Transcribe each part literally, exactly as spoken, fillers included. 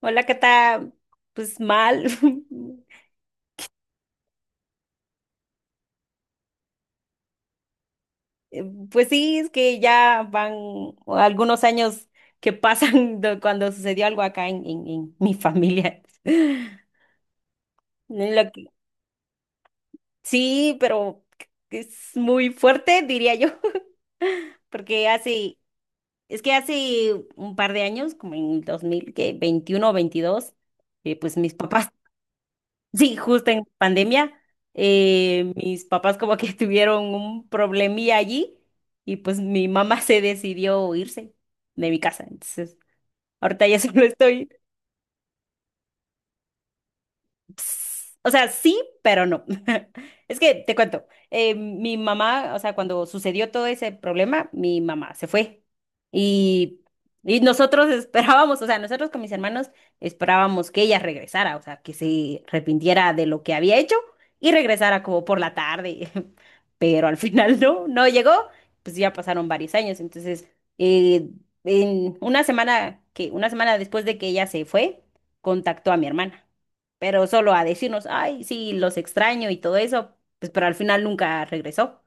Hola, Cata. Pues mal. Eh, Pues sí, es que ya van algunos años que pasan de cuando sucedió algo acá en, en- en mi familia. Lo que- sí, pero es muy fuerte, diría yo, porque hace, es que hace un par de años, como en el dos mil veintiuno o veintidós. Eh, pues mis papás... Sí, justo en pandemia. Eh, mis papás como que tuvieron un problemilla allí y pues mi mamá se decidió irse de mi casa. Entonces, ahorita ya solo estoy... Ps, o sea, sí, pero no. Es que te cuento. Eh, mi mamá, o sea, cuando sucedió todo ese problema, mi mamá se fue. Y, y nosotros esperábamos, o sea, nosotros con mis hermanos esperábamos que ella regresara, o sea, que se arrepintiera de lo que había hecho y regresara como por la tarde. Pero al final no, no llegó, pues ya pasaron varios años. Entonces, eh, en una semana que, una semana después de que ella se fue, contactó a mi hermana, pero solo a decirnos, ay, sí, los extraño y todo eso, pues pero al final nunca regresó.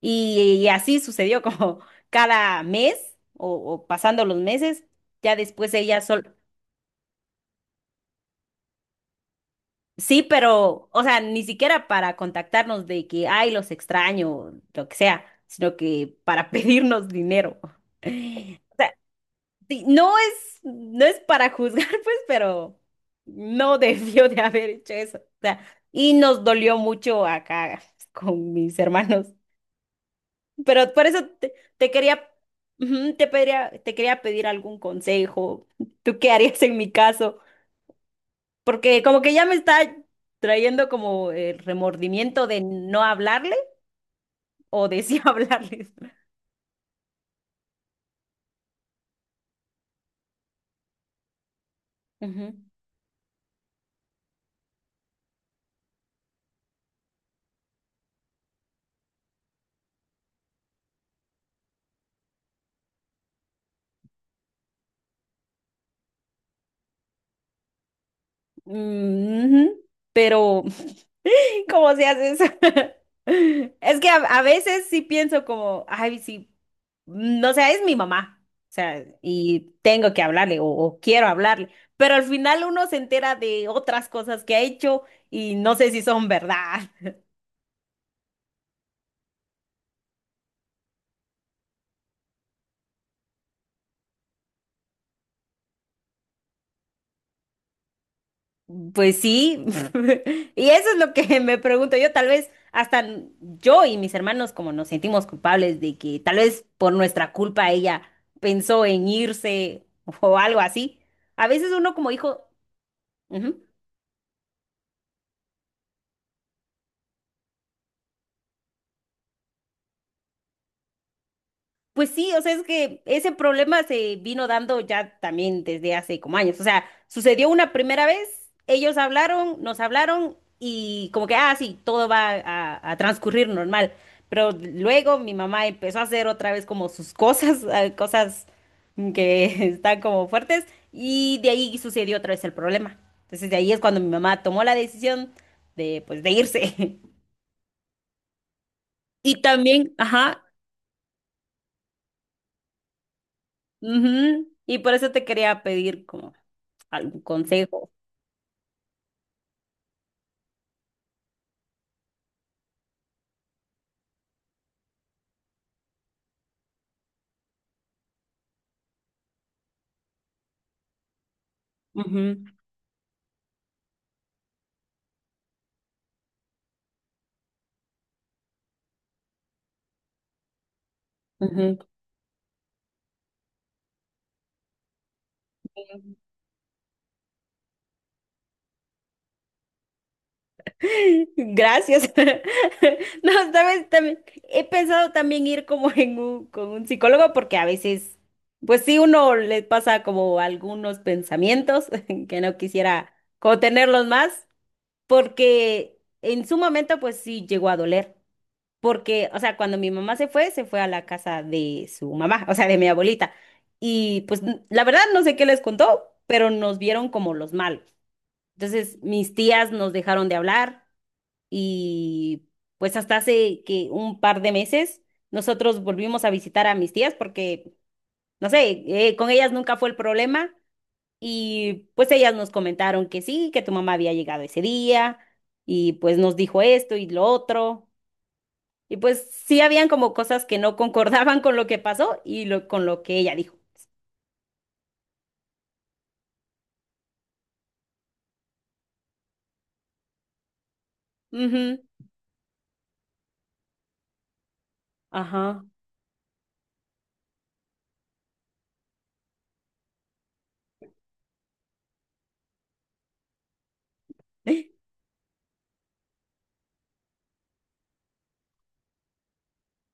Y, y así sucedió como cada mes o, o pasando los meses, ya después ella sol... Sí, pero, o sea, ni siquiera para contactarnos de que, ay, los extraño, o lo que sea, sino que para pedirnos dinero. O sea, sí. No es, no es para juzgar, pues, pero no debió de haber hecho eso. O sea, y nos dolió mucho acá con mis hermanos. Pero por eso te, te quería, ujú, te pediría, te quería pedir algún consejo. ¿Tú qué harías en mi caso? Porque como que ya me está trayendo como el remordimiento de no hablarle o de sí hablarles. Ujú. Mm, ujú. Pero ¿cómo se hace eso? Es que a, a veces sí pienso como, ay, sí, no sé, es mi mamá, o sea, y tengo que hablarle o, o quiero hablarle, pero al final uno se entera de otras cosas que ha hecho y no sé si son verdad. Pues sí, y eso es lo que me pregunto yo, tal vez hasta n- yo y mis hermanos como nos sentimos culpables de que tal vez por nuestra culpa ella pensó en irse o algo así. A veces uno como hijo... Ujú. Pues sí, o sea, es que ese problema se vino dando ya también desde hace como años. O sea, sucedió una primera vez, ellos hablaron, nos hablaron y como que, ah, sí, todo va a, a transcurrir normal. Pero luego mi mamá empezó a hacer otra vez como sus cosas, eh, cosas que están como fuertes y de ahí sucedió otra vez el problema. Entonces de ahí es cuando mi mamá tomó la decisión de, pues, de irse. Y también, ajá, ujú, y por eso te quería pedir como... algún consejo. Ujú, ujú. Gracias. No, sabes, también he pensado también ir como en un, con un psicólogo porque a veces, pues sí, uno le pasa como algunos pensamientos que no quisiera como tenerlos más porque en su momento pues sí llegó a doler. Porque, o sea, cuando mi mamá se fue, se fue a la casa de su mamá, o sea, de mi abuelita. Y pues n- la verdad no sé qué les contó, pero nos vieron como los malos. Entonces, mis tías nos dejaron de hablar y pues hasta hace que un par de meses nosotros volvimos a visitar a mis tías porque, no sé, eh, con ellas nunca fue el problema y pues ellas nos comentaron que sí, que tu mamá había llegado ese día y pues nos dijo esto y lo otro y pues sí habían como cosas que no concordaban con lo que pasó y lo, con lo que ella dijo. Ujú, ajá.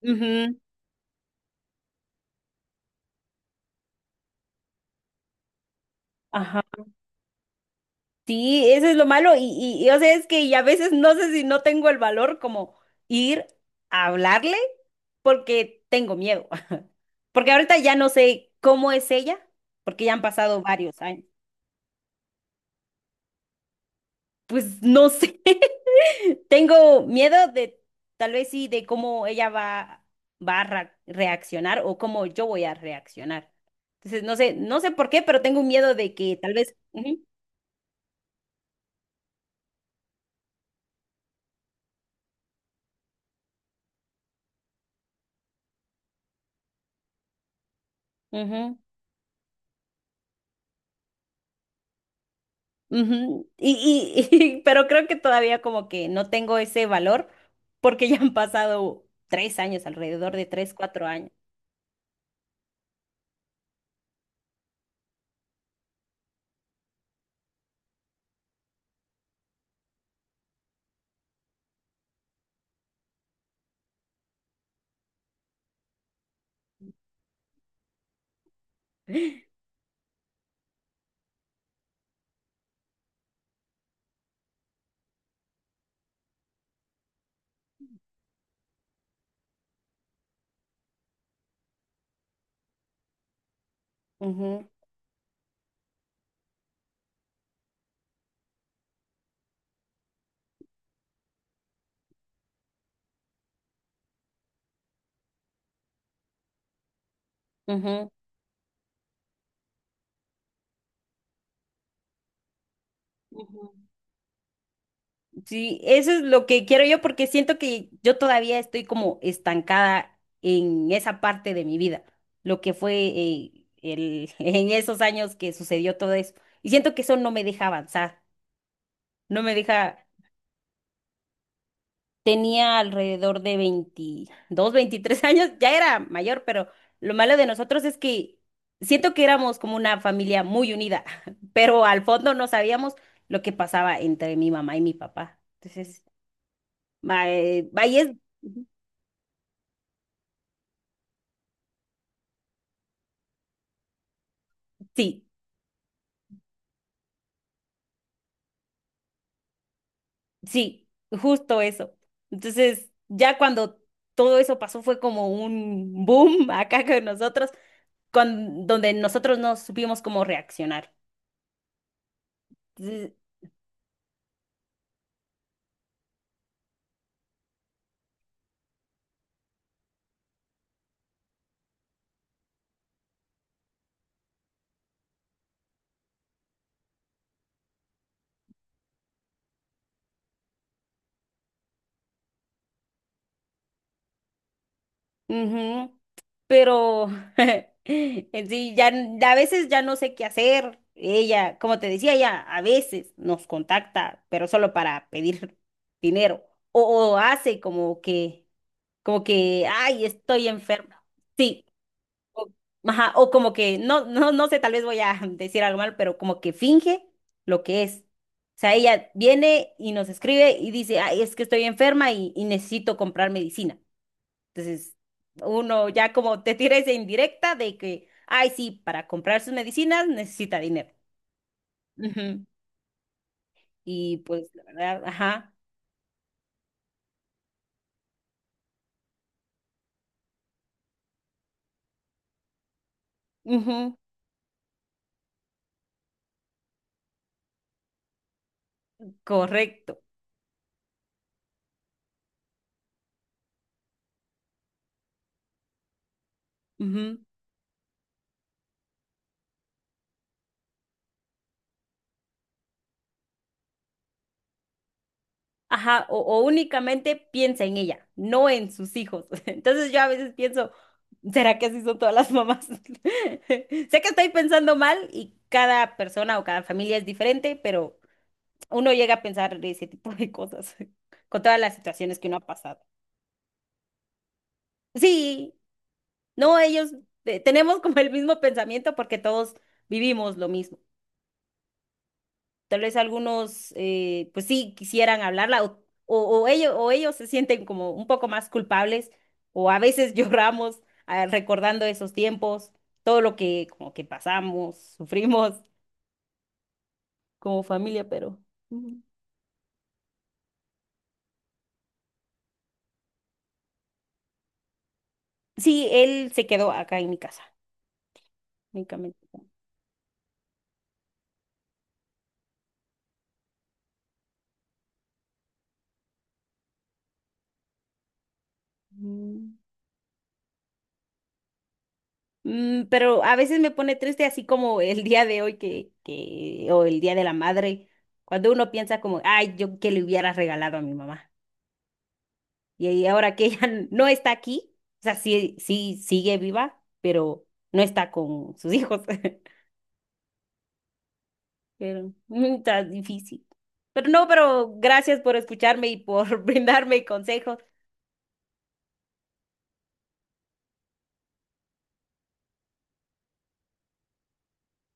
Ujú, ajá. Sí, eso es lo malo y, y, y, o sea, es que y a veces no sé si no tengo el valor como ir a hablarle porque tengo miedo. Porque ahorita ya no sé cómo es ella, porque ya han pasado varios años. Pues no sé. Tengo miedo de tal vez sí de cómo ella va va a ra- reaccionar o cómo yo voy a reaccionar. Entonces, no sé, no sé por qué, pero tengo un miedo de que tal vez... Ujú, ujú. Ujú, Y, y, y- pero creo que todavía como que no tengo ese valor porque ya han pasado tres años, alrededor de tres, cuatro años. Ujú, ujú. Ujú. Sí, eso es lo que quiero yo porque siento que yo todavía estoy como estancada en esa parte de mi vida, lo que fue eh, el, en esos años que sucedió todo eso. Y siento que eso no me deja avanzar, no me deja... Tenía alrededor de veintidós, veintitrés años, ya era mayor, pero lo malo de nosotros es que siento que éramos como una familia muy unida, pero al fondo no sabíamos lo que pasaba entre mi mamá y mi papá. Entonces, ma- eh, ahí es... Sí, sí, justo eso. Entonces, ya cuando todo eso pasó fue como un boom acá con nosotros, con, donde nosotros no supimos cómo reaccionar. Entonces, ujú. Pero en sí, ya, n- a veces ya no sé qué hacer. Ella, como te decía, ella a veces nos contacta, pero solo para pedir dinero. O, o hace como que, como que, ay, estoy enferma. Sí. O, ajá, o como que, no, no, no sé, tal vez voy a decir algo mal, pero como que finge lo que es. O sea, ella viene y nos escribe y dice, ay, es que estoy enferma y, y necesito comprar medicina. Entonces, uno ya como te tira esa indirecta de que, ay, sí, para comprar sus medicinas necesita dinero. Ujú. Y pues, la verdad, ajá, ujú, correcto. Ujú, ajá, o, o únicamente piensa en ella, no en sus hijos. Entonces yo a veces pienso, ¿será que así son todas las mamás? Sé que estoy pensando mal y cada persona o cada familia es diferente, pero uno llega a pensar ese tipo de cosas con todas las situaciones que uno ha pasado. Sí, no, ellos... eh, Tenemos como el mismo pensamiento porque todos vivimos lo mismo. Tal vez algunos, eh, pues sí, quisieran hablarla o, o, o ellos, o ellos se sienten como un poco más culpables o a veces lloramos ah, recordando esos tiempos, todo lo que como que pasamos, sufrimos como familia, pero mm, sí, él se quedó acá en mi casa, únicamente. Mm. Mm, pero a veces me pone triste así como el día de hoy que, que, o el día de la madre, cuando uno piensa como, ay, yo que le hubiera regalado a mi mamá. Y ahí ahora que ella no está aquí, o sea, sí, sí sigue viva, pero no está con sus hijos. Pero mm, está difícil. Pero no, pero gracias por escucharme y por brindarme consejos.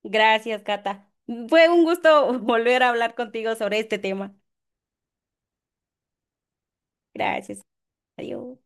Gracias, Cata. Fue un gusto volver a hablar contigo sobre este tema. Gracias. Adiós.